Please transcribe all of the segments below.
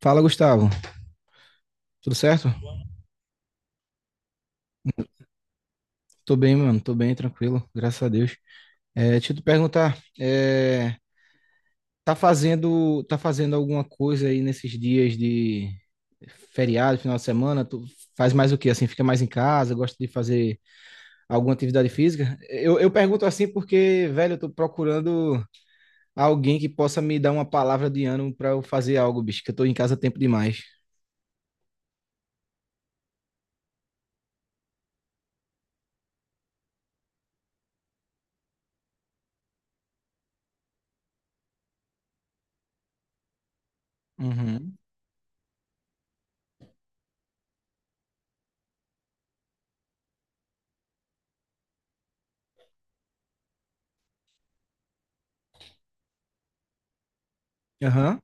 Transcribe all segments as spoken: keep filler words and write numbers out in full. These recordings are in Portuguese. Fala, Gustavo. Tudo certo? Tô bem, mano. Tô bem, tranquilo. Graças a Deus. É, deixa eu te perguntar, é, tá fazendo, tá fazendo alguma coisa aí nesses dias de feriado, final de semana? Tu faz mais o quê? Assim, fica mais em casa? Gosta de fazer alguma atividade física? Eu, eu pergunto assim porque, velho, eu tô procurando alguém que possa me dar uma palavra de ânimo pra eu fazer algo, bicho, que eu tô em casa tempo demais. Uhum. Aham.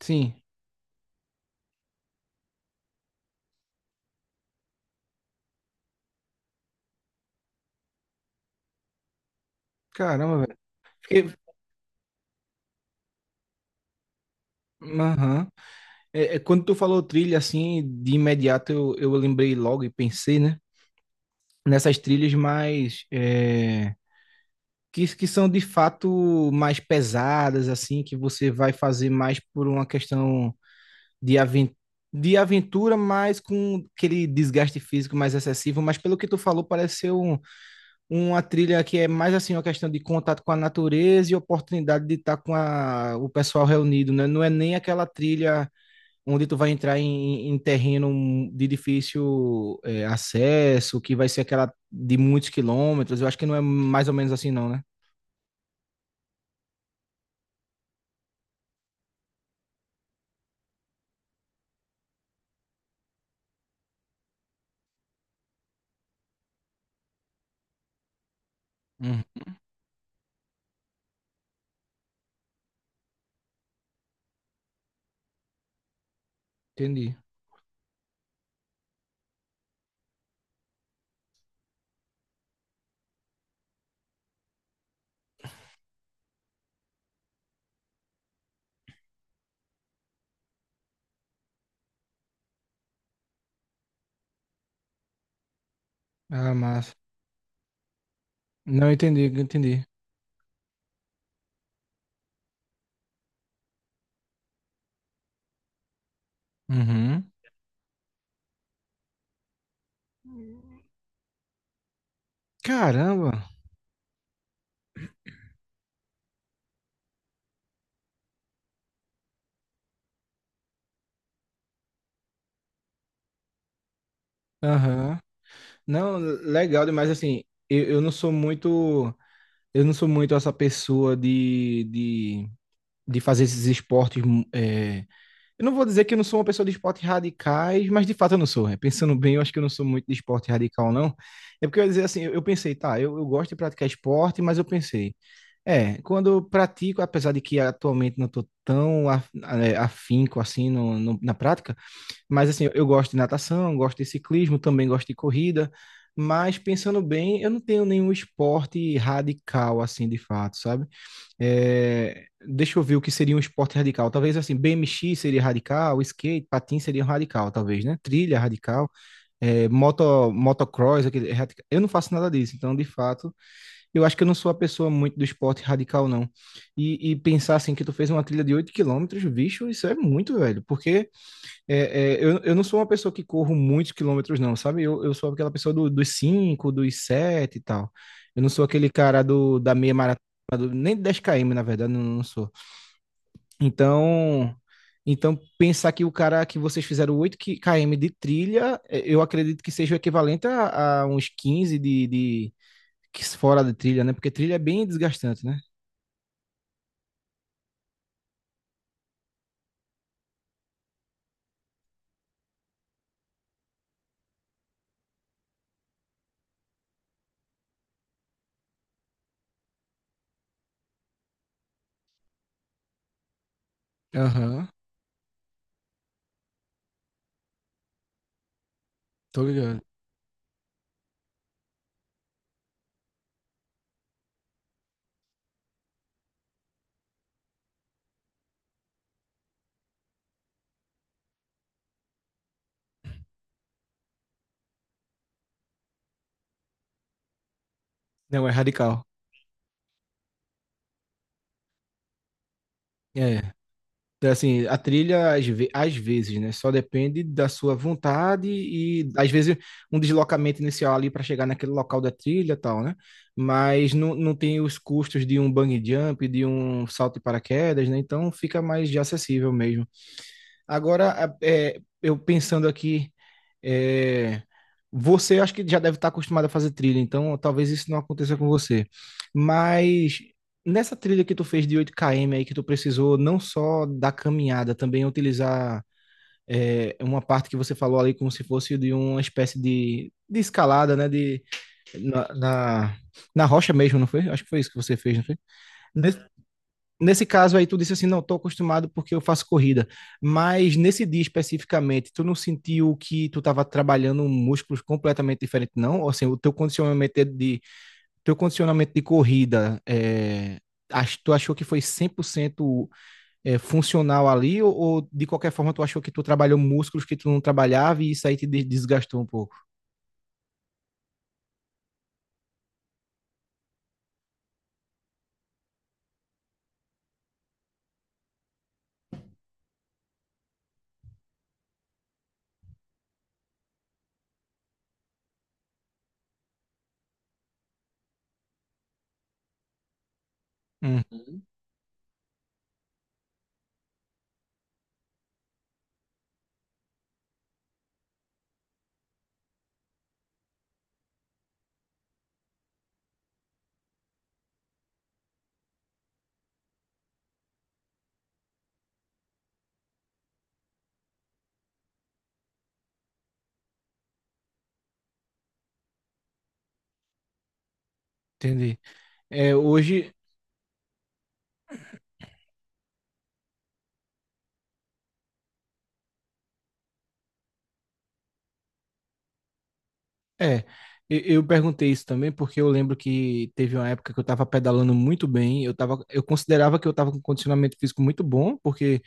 Sim. Caramba, velho. Fiquei- Aham. É, é, quando tu falou trilha, assim, de imediato eu, eu lembrei logo e pensei, né? Nessas trilhas mais... é, que, que são de fato mais pesadas, assim, que você vai fazer mais por uma questão de, aven de aventura, mas com aquele desgaste físico mais excessivo. Mas pelo que tu falou, parece ser um, uma trilha que é mais assim uma questão de contato com a natureza e oportunidade de estar com a, o pessoal reunido, né? Não é nem aquela trilha onde tu vai entrar em, em terreno de difícil é, acesso, que vai ser aquela de muitos quilômetros. Eu acho que não é mais ou menos assim, não, né? Hum, entendi. Ah, massa. Não entendi, entendi. Uhum. Caramba. Aham. Não, legal demais assim. Eu, eu não sou muito, eu não sou muito essa pessoa de, de, de fazer esses esportes. hum, é, Eu não vou dizer que eu não sou uma pessoa de esportes radicais, mas de fato eu não sou, né? Pensando bem, eu acho que eu não sou muito de esporte radical, não. É porque eu ia dizer assim, eu, eu pensei, tá, eu, eu gosto de praticar esporte, mas eu pensei, é, quando eu pratico, apesar de que atualmente não estou tão af- é, afinco assim no, no- na prática. Mas assim, eu gosto de natação, gosto de ciclismo, também gosto de corrida, mas pensando bem, eu não tenho nenhum esporte radical assim de fato, sabe? É, Deixa eu ver o que seria um esporte radical. Talvez assim, B M X seria radical, skate, patins seria radical, talvez, né? Trilha radical. É, moto, motocross, aquele, é radical. Eu não faço nada disso, então de fato, eu acho que eu não sou a pessoa muito do esporte radical, não. E, e pensar assim que tu fez uma trilha de oito quilômetros, bicho, isso é muito, velho, porque é, é, eu, eu não sou uma pessoa que corro muitos quilômetros, não, sabe? Eu, eu sou aquela pessoa do- dos cinco, dos sete e tal. Eu não sou aquele cara do, da meia maratona, do- nem dez km, na verdade, não, não sou. Então, então, pensar que o cara que vocês fizeram oito qui- km de trilha, é, eu acredito que seja o equivalente a, a uns quinze de, de que fora de trilha, né? Porque trilha é bem desgastante, né? Aham, tô ligado. Não, é radical. É. Então, assim, a trilha às, ve- às vezes, né? Só depende da sua vontade e às vezes um deslocamento inicial ali para chegar naquele local da trilha e tal, né? Mas não, não tem os custos de um bungee jump, de um salto de paraquedas, né? Então fica mais de acessível mesmo. Agora, é, eu pensando aqui, é, você acho que já deve estar acostumado a fazer trilha, então talvez isso não aconteça com você. Mas nessa trilha que tu fez de oito km aí, que tu precisou não só da caminhada, também utilizar é, uma parte que você falou ali como se fosse de uma espécie de, de escalada, né? De, na, na, na rocha mesmo, não foi? Acho que foi isso que você fez, não foi? Nesse caso aí, tu disse assim, não, estou acostumado porque eu faço corrida, mas nesse dia especificamente, tu não sentiu que tu estava trabalhando músculos completamente diferente, não? Ou assim, o teu condicionamento é de, teu condicionamento de corrida, é, ach- tu achou que foi cem por cento é, funcional ali, ou, ou de qualquer forma tu achou que tu trabalhou músculos que tu não trabalhava e isso aí te de- desgastou um pouco? Hum, entendi. É, hoje, é, e- eu perguntei isso também porque eu lembro que teve uma época que eu estava pedalando muito bem, eu tava, eu considerava que eu estava com condicionamento físico muito bom, porque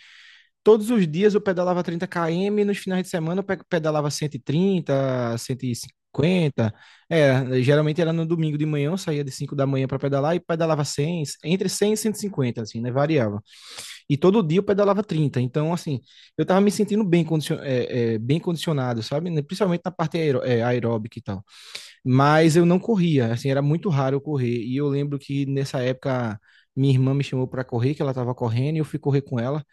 todos os dias eu pedalava trinta quilômetros, nos finais de semana eu pe- pedalava cento e trinta, cento e cinquenta. É, geralmente era no domingo de manhã, eu saía de cinco da manhã para pedalar e pedalava cem, entre cem e cento e cinquenta, assim, né? Variava. E todo dia eu pedalava trinta. Então, assim, eu tava me sentindo bem, condicion é, é, bem condicionado, sabe? Né, principalmente na parte aeró é, aeróbica e tal. Mas eu não corria, assim, era muito raro eu correr. E eu lembro que nessa época minha irmã me chamou para correr, que ela tava correndo, e eu fui correr com ela.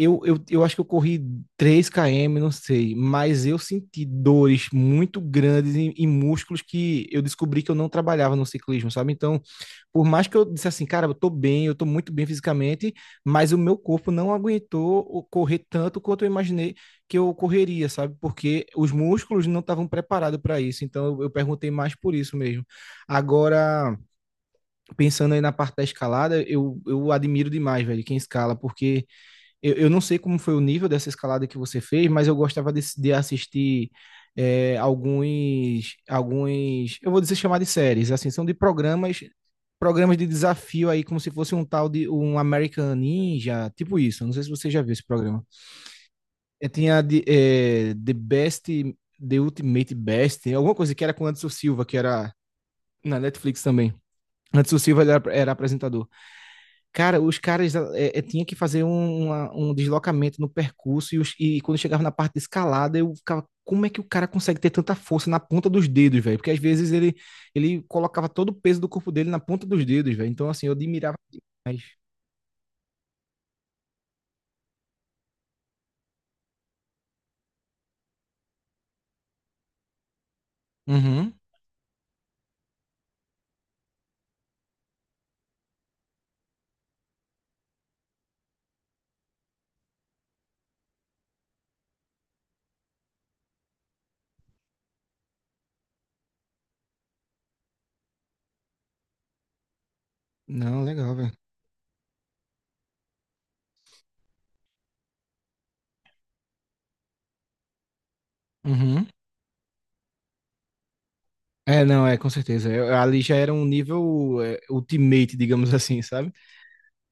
Eu, eu, eu acho que eu corri três km, não sei, mas eu senti dores muito grandes em, em músculos que eu descobri que eu não trabalhava no ciclismo, sabe? Então, por mais que eu disse assim, cara, eu tô bem, eu tô muito bem fisicamente, mas o meu corpo não aguentou o- correr tanto quanto eu imaginei que eu correria, sabe? Porque os músculos não estavam preparados para isso. Então, eu, eu perguntei mais por isso mesmo. Agora, pensando aí na parte da escalada, eu, eu admiro demais, velho, quem escala, porque eu, eu não sei como foi o nível dessa escalada que você fez, mas eu gostava de, de assistir é, alguns, alguns, eu vou dizer chamar de séries, assim, são de programas, programas de desafio aí, como se fosse um tal de um American Ninja, tipo isso. Não sei se você já viu esse programa. É, tinha de, é, The Best, The Ultimate Best, alguma coisa que era com o Anderson Silva, que era na Netflix também. Anderson Silva, ele era, era apresentador. Cara, os caras é, é, tinha que fazer um, uma- um deslocamento no percurso e, os- e quando chegava na parte de escalada, eu ficava, como é que o cara consegue ter tanta força na ponta dos dedos, velho? Porque às vezes ele, ele colocava todo o peso do corpo dele na ponta dos dedos, velho. Então, assim, eu admirava demais. Uhum. Não, legal, velho. Uhum. É, não, é, com certeza. Eu- ali já era um nível é, ultimate, digamos assim, sabe?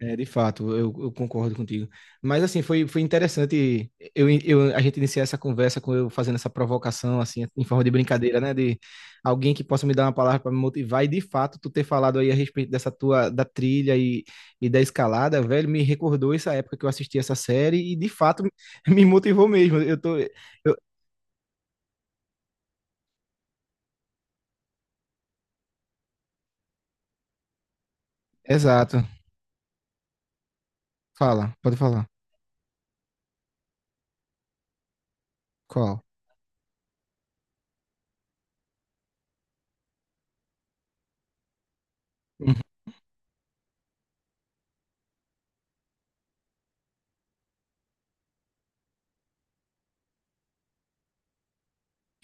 É, de fato, eu, eu concordo contigo. Mas assim, foi, foi interessante eu, eu, a gente iniciar essa conversa com eu fazendo essa provocação, assim, em forma de brincadeira, né? De alguém que possa me dar uma palavra para me motivar, e de fato, tu ter falado aí a respeito dessa tua da trilha e, e da escalada, velho, me recordou essa época que eu assisti essa série e de fato me motivou mesmo. Eu tô. Eu- exato. Fala, pode falar. Qual? Uhum.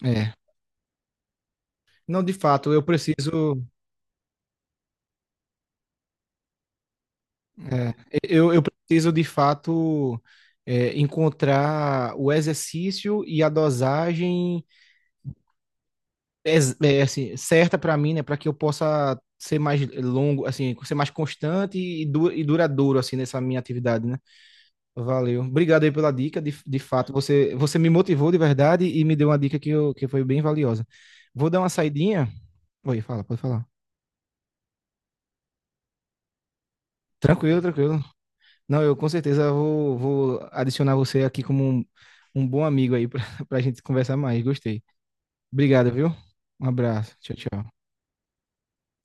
É. Não, de fato, eu preciso. É, eu, eu preciso de fato é, encontrar o exercício e a dosagem ex- é, assim, certa para mim, né, para que eu possa ser mais longo, assim, ser mais constante e, du e duradouro assim nessa minha atividade, né? Valeu. Obrigado aí pela dica, de, de fato, você você me motivou de verdade e me deu uma dica que, eu, que foi bem valiosa. Vou dar uma saidinha. Oi, fala, pode falar. Tranquilo, tranquilo. Não, eu com certeza vou, vou adicionar você aqui como um, um bom amigo aí para a gente conversar mais. Gostei. Obrigado, viu? Um abraço. Tchau, tchau.